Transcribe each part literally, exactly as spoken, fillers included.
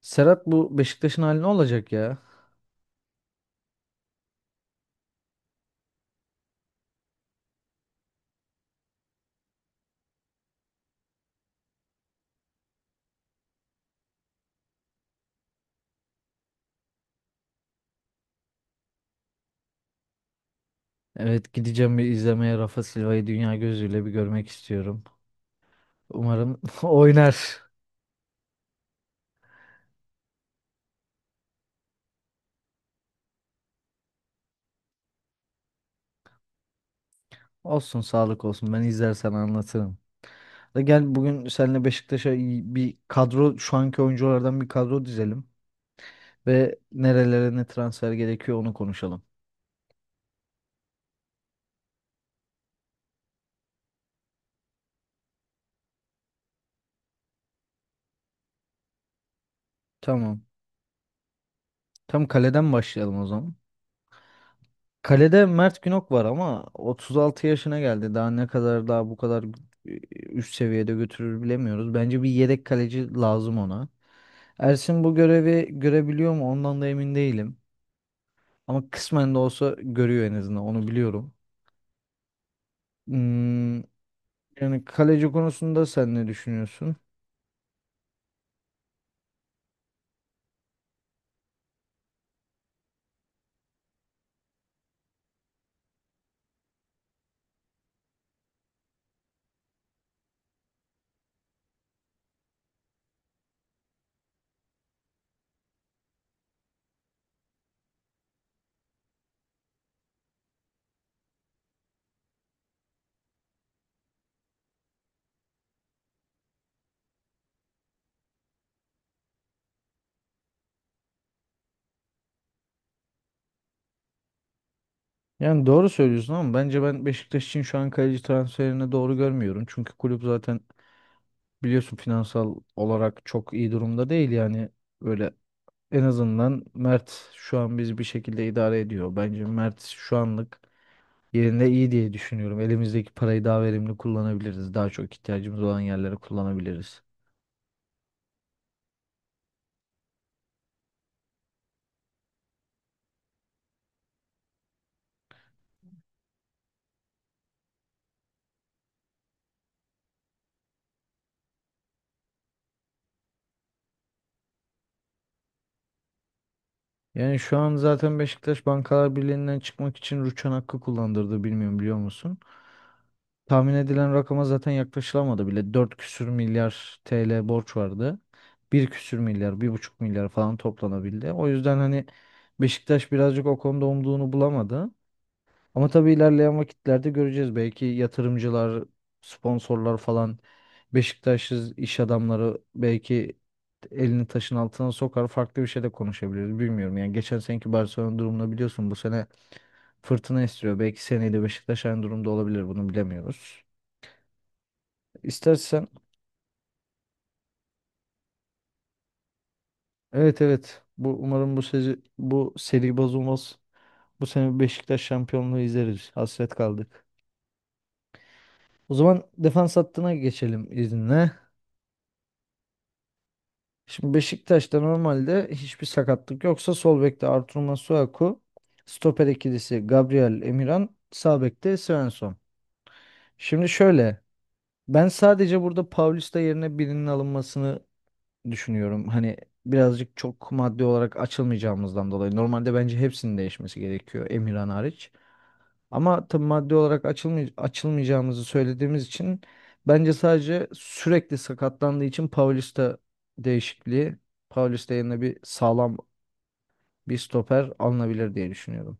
Serhat, bu Beşiktaş'ın hali ne olacak ya? Evet, gideceğim bir izlemeye. Rafa Silva'yı dünya gözüyle bir görmek istiyorum. Umarım oynar. Olsun, sağlık olsun, ben izler sana anlatırım. Da gel, bugün seninle Beşiktaş'a iyi bir kadro, şu anki oyunculardan bir kadro dizelim. Ve nerelere ne transfer gerekiyor onu konuşalım. Tamam. Tam kaleden başlayalım o zaman. Kalede Mert Günok var ama otuz altı yaşına geldi. Daha ne kadar daha bu kadar e, üst seviyede götürür bilemiyoruz. Bence bir yedek kaleci lazım ona. Ersin bu görevi görebiliyor mu? Ondan da emin değilim. Ama kısmen de olsa görüyor en azından. Onu biliyorum. Hmm, yani kaleci konusunda sen ne düşünüyorsun? Yani doğru söylüyorsun ama bence ben Beşiktaş için şu an kaleci transferini doğru görmüyorum. Çünkü kulüp zaten biliyorsun finansal olarak çok iyi durumda değil yani. Böyle en azından Mert şu an biz bir şekilde idare ediyor. Bence Mert şu anlık yerinde iyi diye düşünüyorum. Elimizdeki parayı daha verimli kullanabiliriz. Daha çok ihtiyacımız olan yerlere kullanabiliriz. Yani şu an zaten Beşiktaş Bankalar Birliği'nden çıkmak için rüçhan hakkı kullandırdı, bilmiyorum biliyor musun? Tahmin edilen rakama zaten yaklaşılamadı bile. dört küsür milyar T L borç vardı. bir küsür milyar, bir buçuk milyar falan toplanabildi. O yüzden hani Beşiktaş birazcık o konuda umduğunu bulamadı. Ama tabii ilerleyen vakitlerde göreceğiz. Belki yatırımcılar, sponsorlar falan, Beşiktaş'ız iş adamları belki elini taşın altına sokar. Farklı bir şey de konuşabiliriz. Bilmiyorum. Yani geçen seneki Barcelona durumunu biliyorsun. Bu sene fırtına istiyor. Belki seneye de Beşiktaş aynı durumda olabilir. Bunu bilemiyoruz. İstersen evet, evet. Bu umarım bu sezi, bu seri bozulmaz. Bu sene Beşiktaş şampiyonluğu izleriz. Hasret kaldık. O zaman defans hattına geçelim izinle. Şimdi Beşiktaş'ta normalde hiçbir sakatlık yoksa sol bekte Artur Masuaku, stoper ikilisi Gabriel Emirhan, sağ bekte Svensson. Şimdi şöyle, ben sadece burada Paulista yerine birinin alınmasını düşünüyorum. Hani birazcık çok maddi olarak açılmayacağımızdan dolayı. Normalde bence hepsinin değişmesi gerekiyor, Emirhan hariç. Ama tabii maddi olarak açılmay açılmayacağımızı söylediğimiz için bence sadece sürekli sakatlandığı için Paulista değişikliği, Paulista yerine bir sağlam bir stoper alınabilir diye düşünüyorum.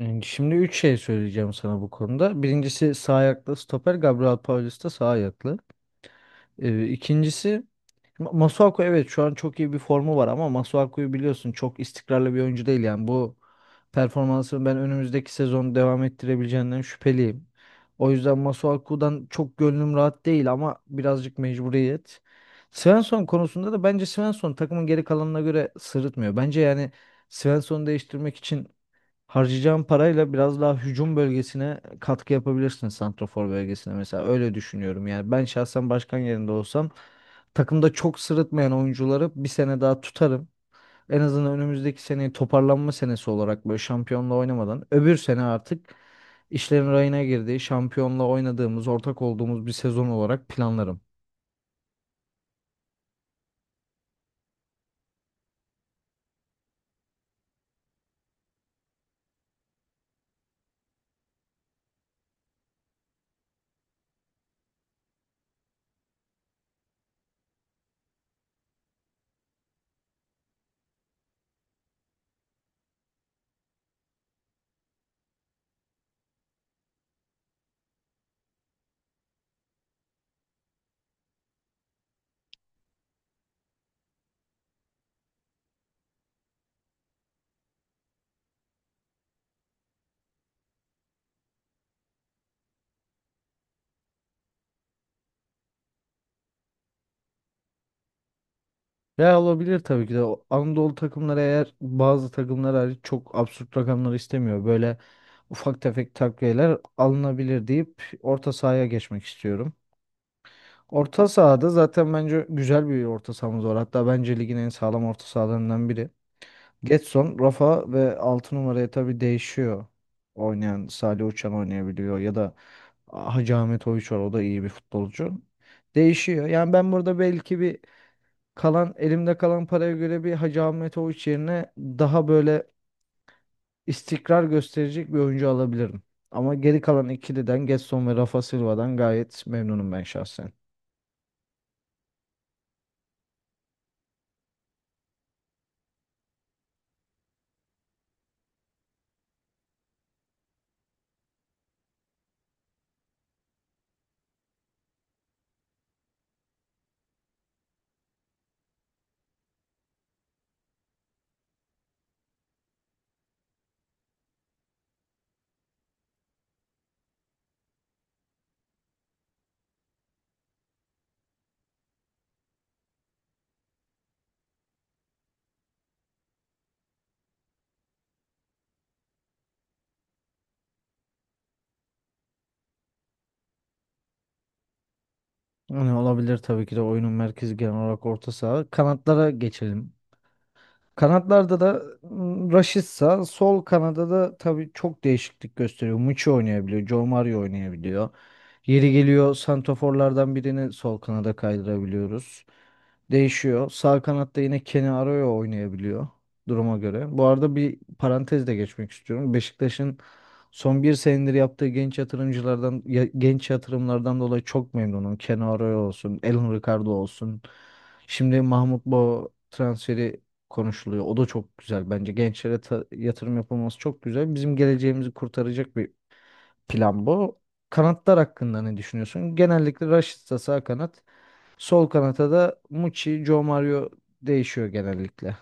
Yani şimdi üç şey söyleyeceğim sana bu konuda. Birincisi sağ ayaklı stoper, Gabriel Paulista sağ ayaklı. Ee, ikincisi Ma- Masuaku, evet şu an çok iyi bir formu var ama Masuaku'yu biliyorsun, çok istikrarlı bir oyuncu değil yani. Bu performansını ben önümüzdeki sezon devam ettirebileceğinden şüpheliyim. O yüzden Masuaku'dan çok gönlüm rahat değil ama birazcık mecburiyet. Svensson konusunda da bence Svensson takımın geri kalanına göre sırıtmıyor. Bence yani Svensson'u değiştirmek için harcayacağın parayla biraz daha hücum bölgesine katkı yapabilirsin, santrafor bölgesine mesela. Öyle düşünüyorum yani. Ben şahsen başkan yerinde olsam takımda çok sırıtmayan oyuncuları bir sene daha tutarım. En azından önümüzdeki seneyi toparlanma senesi olarak, böyle şampiyonla oynamadan, öbür sene artık işlerin rayına girdiği, şampiyonla oynadığımız, ortak olduğumuz bir sezon olarak planlarım. Ya olabilir tabii ki de. O Anadolu takımları, eğer bazı takımlar hariç, çok absürt rakamlar istemiyor. Böyle ufak tefek takviyeler alınabilir deyip orta sahaya geçmek istiyorum. Orta sahada zaten bence güzel bir orta sahamız var. Hatta bence ligin en sağlam orta sahalarından biri. Getson, Rafa ve altı numaraya tabii değişiyor. Oynayan Salih Uçan oynayabiliyor ya da Hacı Ahmet Oyiç var. O da iyi bir futbolcu. Değişiyor. Yani ben burada belki bir kalan elimde kalan paraya göre bir Hacı Ahmet Oğuç yerine daha böyle istikrar gösterecek bir oyuncu alabilirim. Ama geri kalan ikiliden Gedson ve Rafa Silva'dan gayet memnunum ben şahsen. Yani olabilir tabii ki de, oyunun merkezi genel olarak orta saha. Kanatlara geçelim. Kanatlarda da m, Rashica, sol kanada da tabii çok değişiklik gösteriyor. Muçi oynayabiliyor, Joe Mario oynayabiliyor. Yeri geliyor santraforlardan birini sol kanada kaydırabiliyoruz. Değişiyor. Sağ kanatta yine Kenny Arroyo oynayabiliyor duruma göre. Bu arada bir parantez de geçmek istiyorum. Beşiktaş'ın son bir senedir yaptığı genç yatırımcılardan ya- genç yatırımlardan dolayı çok memnunum. Kenny Arroyo olsun, Elhun Ricardo olsun. Şimdi Mahmut Bo transferi konuşuluyor. O da çok güzel bence. Gençlere ta- yatırım yapılması çok güzel. Bizim geleceğimizi kurtaracak bir plan bu. Kanatlar hakkında ne düşünüyorsun? Genellikle Rashica sağ kanat, sol kanata da Muçi, Joe Mario değişiyor genellikle.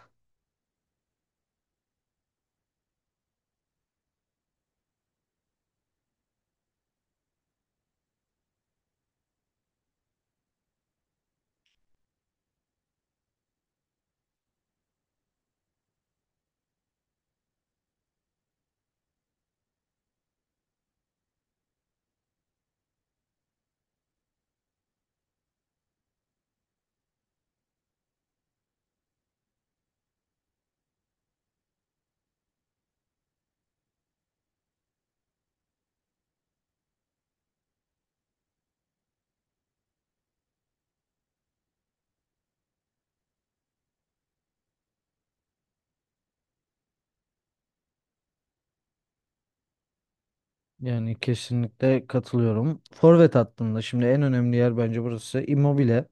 Yani kesinlikle katılıyorum. Forvet hattında şimdi en önemli yer bence burası. Immobile.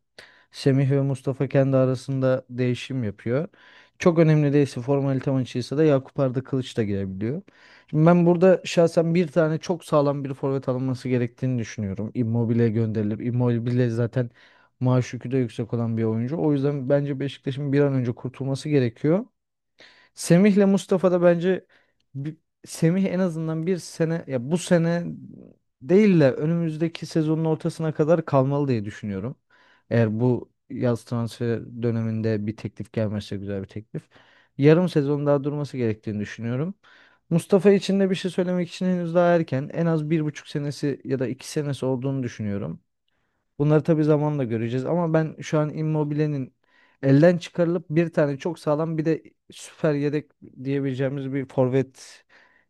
Semih ve Mustafa kendi arasında değişim yapıyor. Çok önemli değilse, formalite maçıysa da Yakup Arda Kılıç da girebiliyor. Şimdi ben burada şahsen bir tane çok sağlam bir forvet alınması gerektiğini düşünüyorum. Immobile gönderilir. Immobile zaten maaş yükü de yüksek olan bir oyuncu. O yüzden bence Beşiktaş'ın bir an önce kurtulması gerekiyor. Semih'le Mustafa da bence bi- Semih en azından bir sene, ya bu sene değil de önümüzdeki sezonun ortasına kadar kalmalı diye düşünüyorum. Eğer bu yaz transfer döneminde bir teklif gelmezse, güzel bir teklif, yarım sezon daha durması gerektiğini düşünüyorum. Mustafa için de bir şey söylemek için henüz daha erken. En az bir buçuk senesi ya da iki senesi olduğunu düşünüyorum. Bunları tabii zamanla göreceğiz ama ben şu an Immobile'nin elden çıkarılıp bir tane çok sağlam, bir de süper yedek diyebileceğimiz bir forvet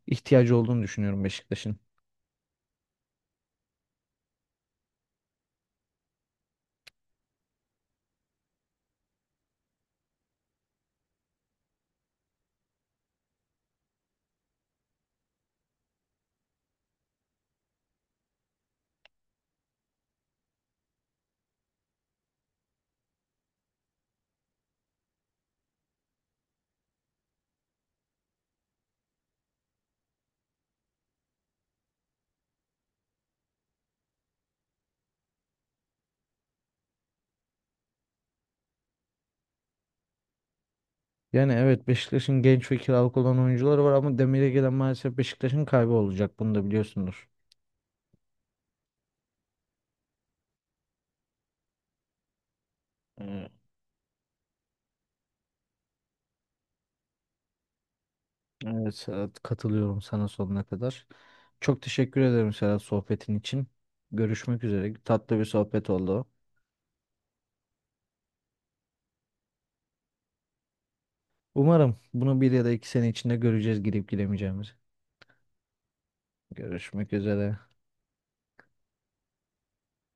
ihtiyacı olduğunu düşünüyorum Beşiktaş'ın. Yani evet, Beşiktaş'ın genç ve kiralık olan oyuncuları var ama demire gelen maalesef Beşiktaş'ın kaybı olacak. Bunu da biliyorsundur. Ee, Evet Serhat, katılıyorum sana sonuna kadar. Çok teşekkür ederim Serhat, sohbetin için. Görüşmek üzere. Tatlı bir sohbet oldu. Umarım bunu bir ya da iki sene içinde göreceğiz, girip giremeyeceğimizi. Görüşmek üzere.